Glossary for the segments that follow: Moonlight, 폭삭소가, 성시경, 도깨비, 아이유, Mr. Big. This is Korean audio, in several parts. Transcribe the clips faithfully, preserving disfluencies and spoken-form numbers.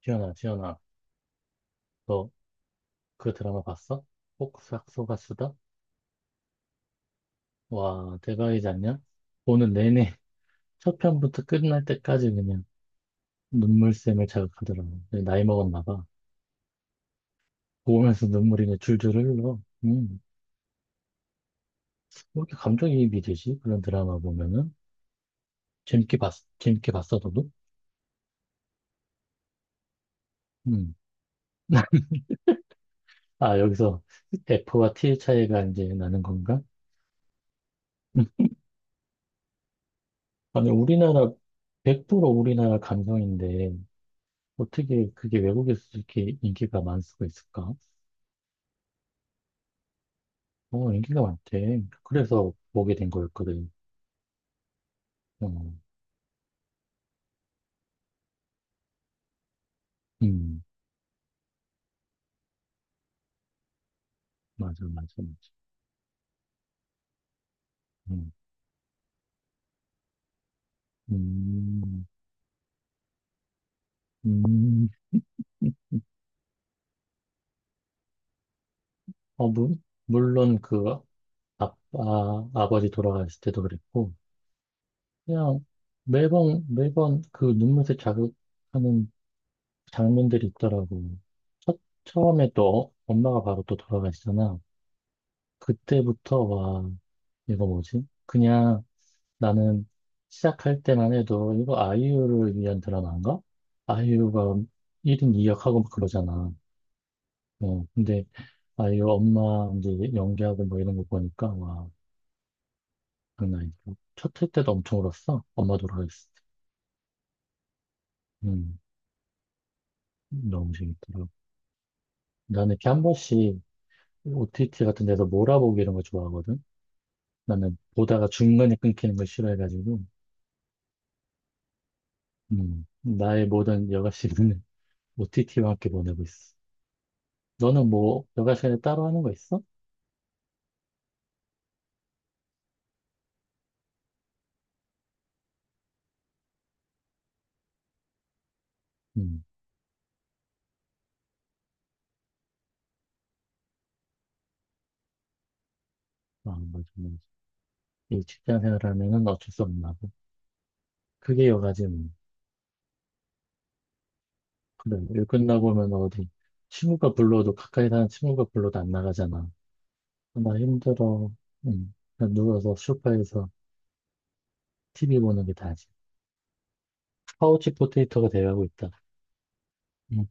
지연아, 지연아, 너 그 드라마 봤어? 폭삭소가 수다? 와, 대박이지 않냐? 오늘 내내 첫 편부터 끝날 때까지 그냥 눈물샘을 자극하더라고. 내가 나이 먹었나 봐. 보면서 눈물이 그냥 줄줄 흘러. 음, 왜 이렇게 감정이입이 되지? 그런 드라마 보면은. 재밌게 봤, 재밌게 봤어, 너도? 음. 아, 여기서 F와 T의 차이가 이제 나는 건가? 아니, 우리나라, 백 프로 우리나라 감성인데, 어떻게 그게 외국에서 이렇게 인기가 많을 수가 있을까? 어, 인기가 많대. 그래서 보게 된 거였거든. 어, 음, 맞아, 맞아, 맞아. 음, 음, 음. 어, 물, 물론 그 아빠, 아버지 돌아가셨을 때도 그랬고, 그냥 매번, 매번 그 눈물을 자극하는 장면들이 있더라고. 첫, 처음에 또 어, 엄마가 바로 또 돌아가시잖아. 그때부터, 와, 이거 뭐지? 그냥 나는 시작할 때만 해도 이거 아이유를 위한 드라마인가? 아이유가 일 인 이 역하고 막 그러잖아. 어, 근데 아이유 엄마 이제 연기하고 뭐 이런 거 보니까 와, 장난 아니고. 첫회 때도 엄청 울었어. 엄마 돌아가셨을 때. 음, 너무 재밌더라고. 나는 이렇게 한 번씩 오티티 같은 데서 몰아보기 이런 거 좋아하거든. 나는 보다가 중간에 끊기는 걸 싫어해가지고. 음, 나의 모든 여가 시간을 오티티와 함께 보내고 있어. 너는 뭐 여가 시간에 따로 하는 거 있어? 음, 아, 맞아, 맞아. 이 직장 생활하면은 어쩔 수 없나 봐. 그게 여가지 뭐. 그래, 일 끝나고 오면 어디, 친구가 불러도, 가까이 사는 친구가 불러도 안 나가잖아. 나 힘들어. 음, 그냥 누워서 소파에서 티비 보는 게 다지. 파우치 포테이토가 돼가고 있다. 음,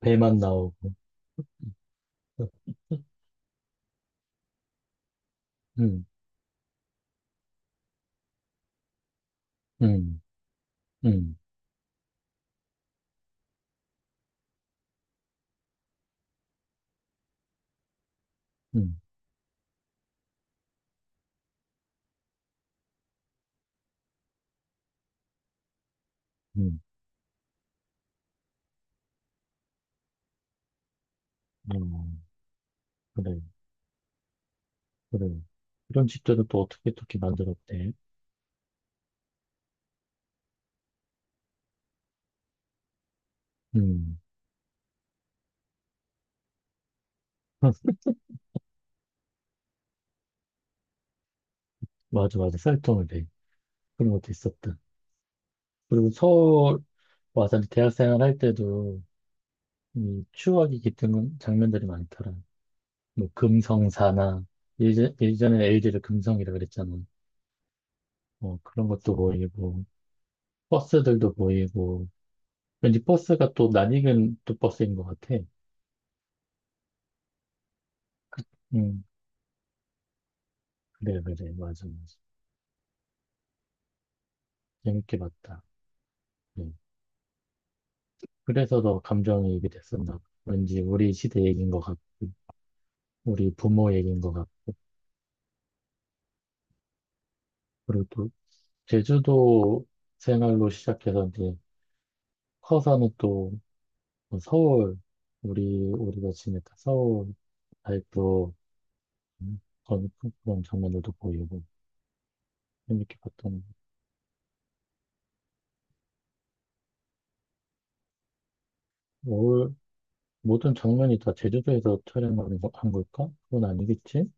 배만 나오고. 음, 음, 음, 음, 음. 음. 어, 그래, 그래. 이런 집들은 또 어떻게 어떻게 만들었대? 음, 맞아, 맞아. 쌀통을 배. 그런 것도 있었다. 그리고 서울 와서 대학 생활할 때도 이 추억이 깃든 장면들이 많더라. 뭐 금성사나 예전, 예전에 엘지를 금성이라 그랬잖아. 뭐 그런 것도 보이고 버스들도 보이고 왠지 버스가 또 낯익은 또 버스인 것 같아. 응, 그래 그래 맞아 맞아. 재밌게 봤다. 네. 그래서 더 감정이입이 됐었나 봐. 왠지 우리 시대 얘기인 것 같고 우리 부모 얘기인 것 같고 그리고 또 제주도 생활로 시작해서 이제 커서는 또 뭐 서울 우리 우리가 지냈던 서울 아직도 그런 그런 장면들도 보이고 재밌게 봤던 올 모든 장면이 다 제주도에서 촬영한 거- 한 걸까? 그건 아니겠지?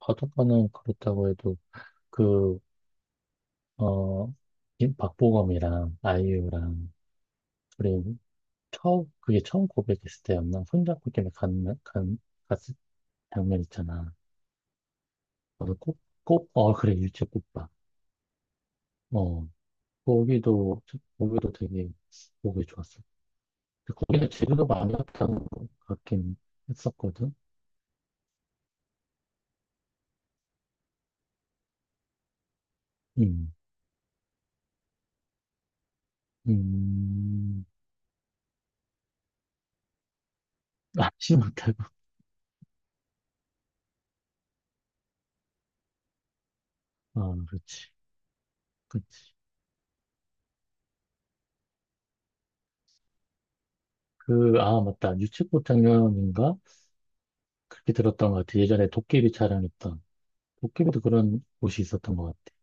바닷가는 그렇다고 해도 그어 박보검이랑 아이유랑 그리고 처음 그게 처음 고백했을 때였나? 손잡고 이렇게 간, 간 갔을 장면 있잖아. 그래서 꽃, 꽃, 어, 그래, 일제꽃밥. 거기도, 거기도 되게 보기 좋았어. 근데 거기는 재료도 많이 갔다는 것 같긴 했었거든. 음, 음, 아, 심었다고? 아, 그렇지, 그렇지. 그, 아, 맞다. 유채꽃장면인가? 그렇게 들었던 것 같아. 예전에 도깨비 촬영했던. 도깨비도 그런 곳이 있었던 것 같아.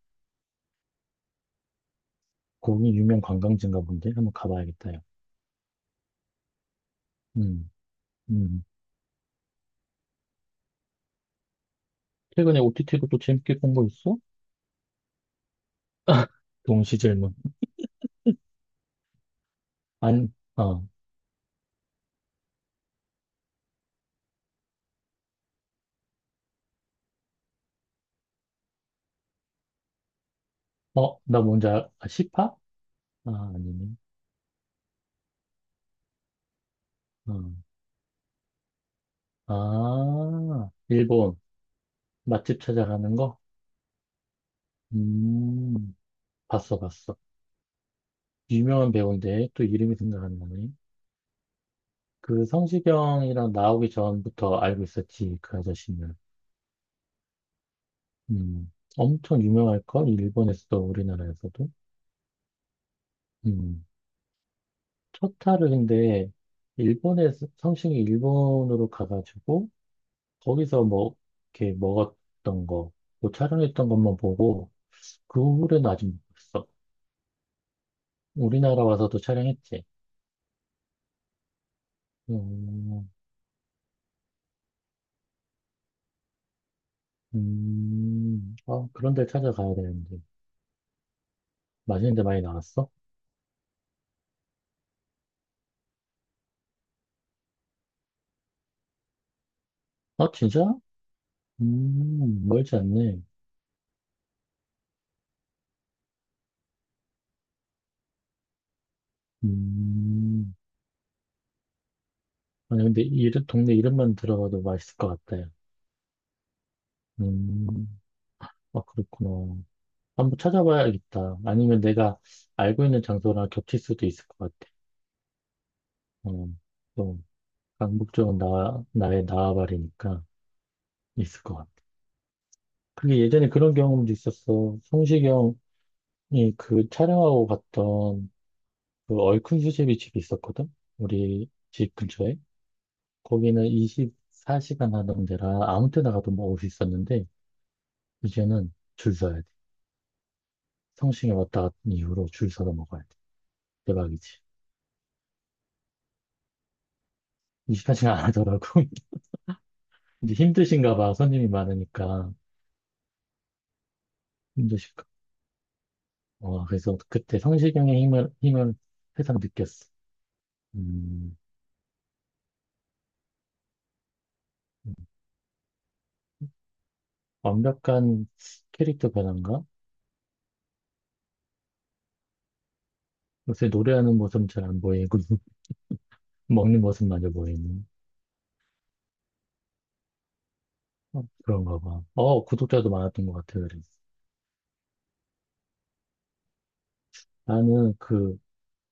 거기 유명 관광지인가 본데? 한번 가봐야겠다, 요 음, 음. 최근에 오티티로 또 재밌게 본 거 있어? 동시 질문. 안, 어, 어, 나 뭔지 알아? 시파? 아, 아니네. 어. 아, 일본 맛집 찾아가는 거? 음, 봤어, 봤어. 유명한 배우인데 또 이름이 생각 안 나네. 그 성시경이랑 나오기 전부터 알고 있었지, 그 아저씨는. 음, 엄청 유명할걸? 일본에서도 우리나라에서도. 음, 첫 타를 근데 일본에서 성시경이 일본으로 가가지고 거기서 뭐 이렇게 먹었던 거, 뭐 촬영했던 것만 보고 그 후로는 아직 못 봤어. 우리나라 와서도 촬영했지. 음, 음, 아, 그런 데 찾아가야 되는데. 맛있는 데 많이 나왔어? 아, 진짜? 음, 멀지 않네. 음, 아니, 근데 이름, 동네 이름만 들어가도 맛있을 것 같아요. 음, 아, 그렇구나. 한번 찾아봐야겠다. 아니면 내가 알고 있는 장소랑 겹칠 수도 있을 것 같아. 어, 또, 강북 쪽은 나, 나의 나와바리니까 있을 것 같아. 그게 예전에 그런 경험도 있었어. 성시경 이 그 촬영하고 갔던 그 얼큰 수제비 집이 있었거든? 우리 집 근처에. 거기는 이십사 시간 하던 데라 아무 때나 가도 먹을 수 있었는데, 이제는 줄 서야 돼. 성심에 왔다 갔던 이후로 줄 서서 먹어야 돼. 대박이지. 이십사 시간 안 하더라고. 이제 힘드신가 봐. 손님이 많으니까. 힘드실까. 와, 그래서 그때 성시경의 힘을, 힘을 세상 느꼈어. 음, 음. 완벽한 캐릭터 변화인가? 요새 노래하는 모습은 잘 안 보이고. 먹는 모습마저 보이는 어, 그런가 봐. 어, 구독자도 많았던 것 같아, 그래. 나는 그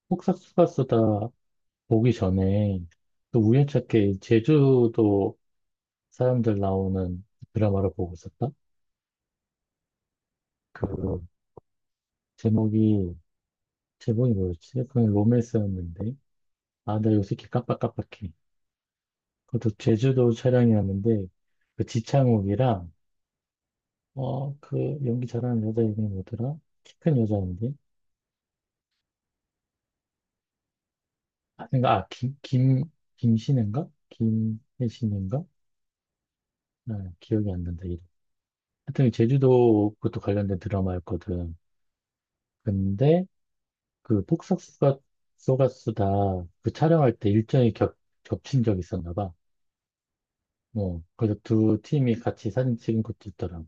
폭싹수가 쓰다 보기 전에 또 우연찮게 제주도 사람들 나오는 드라마를 보고 있었다. 그 제목이 제목이 뭐였지? 그냥 로맨스였는데 아, 나 요새 이렇게 깜빡깜빡해. 그것도 제주도 촬영이었는데 그 지창욱이랑 어, 그 연기 잘하는 여자 이름이 뭐더라? 키 큰 여자인데 아, 그러 아, 김, 김, 김신인가? 김혜신인가? 아, 기억이 안 난다, 이름. 하여튼 제주도 그것도 관련된 드라마였거든. 근데 그 폭싹소가 쏘가수다 그 촬영할 때 일정이 겹, 겹친 적이 있었나 봐. 어, 그래서 두 팀이 같이 사진 찍은 것도 있더라고.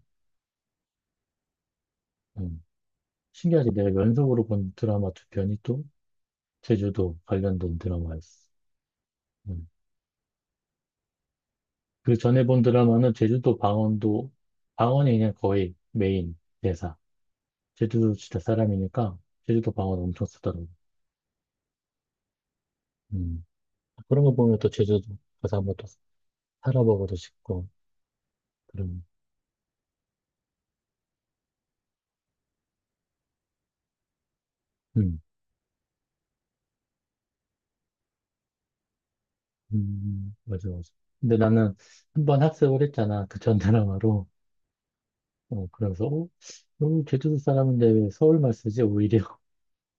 음. 신기하지? 내가 연속으로 본 드라마 두 편이 또 제주도 관련된 드라마였어. 음. 그 전에 본 드라마는 제주도 방언도, 방언이 그냥 거의 메인 대사. 제주도 진짜 사람이니까 제주도 방언 엄청 쓰더라고. 음. 그런 거 보면 또 제주도 가서 한번 또 살아보고도 싶고 그런. 음. 음. 음. 맞아 맞아. 근데 나는 한번 학습을 했잖아 그 전드라마로 어 그래서 어, 어, 제주도 사람인데 왜 서울말 쓰지? 오히려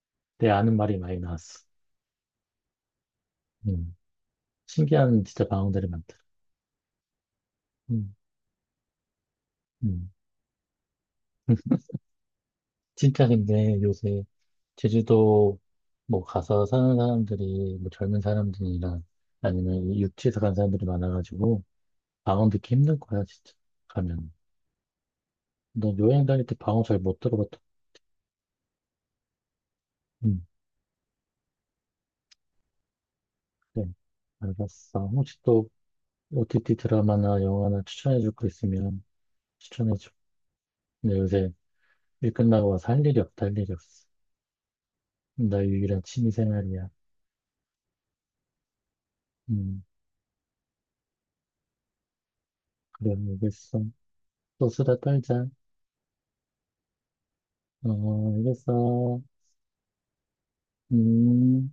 내 아는 말이 많이 나왔어. 음. 신기한 진짜 방언들이 많더라. 음. 음. 진짜 근데 요새 제주도 뭐 가서 사는 사람들이 뭐 젊은 사람들이나 아니면 이 육지에서 간 사람들이 많아가지고 방언 듣기 힘든 거야 진짜 가면. 너 여행 다닐 때 방언 잘 못 들어봤다. 응. 그래 알았어. 혹시 또 오티티 드라마나 영화나 추천해 줄 거 있으면 추천해 줘. 근데 요새 일 끝나고 와서 할 일이 없다, 할 일이 없어. 나 유일한 취미 생활이야. 음. 그래 알겠어. 또 수다 떨자. 어 알겠어. 음.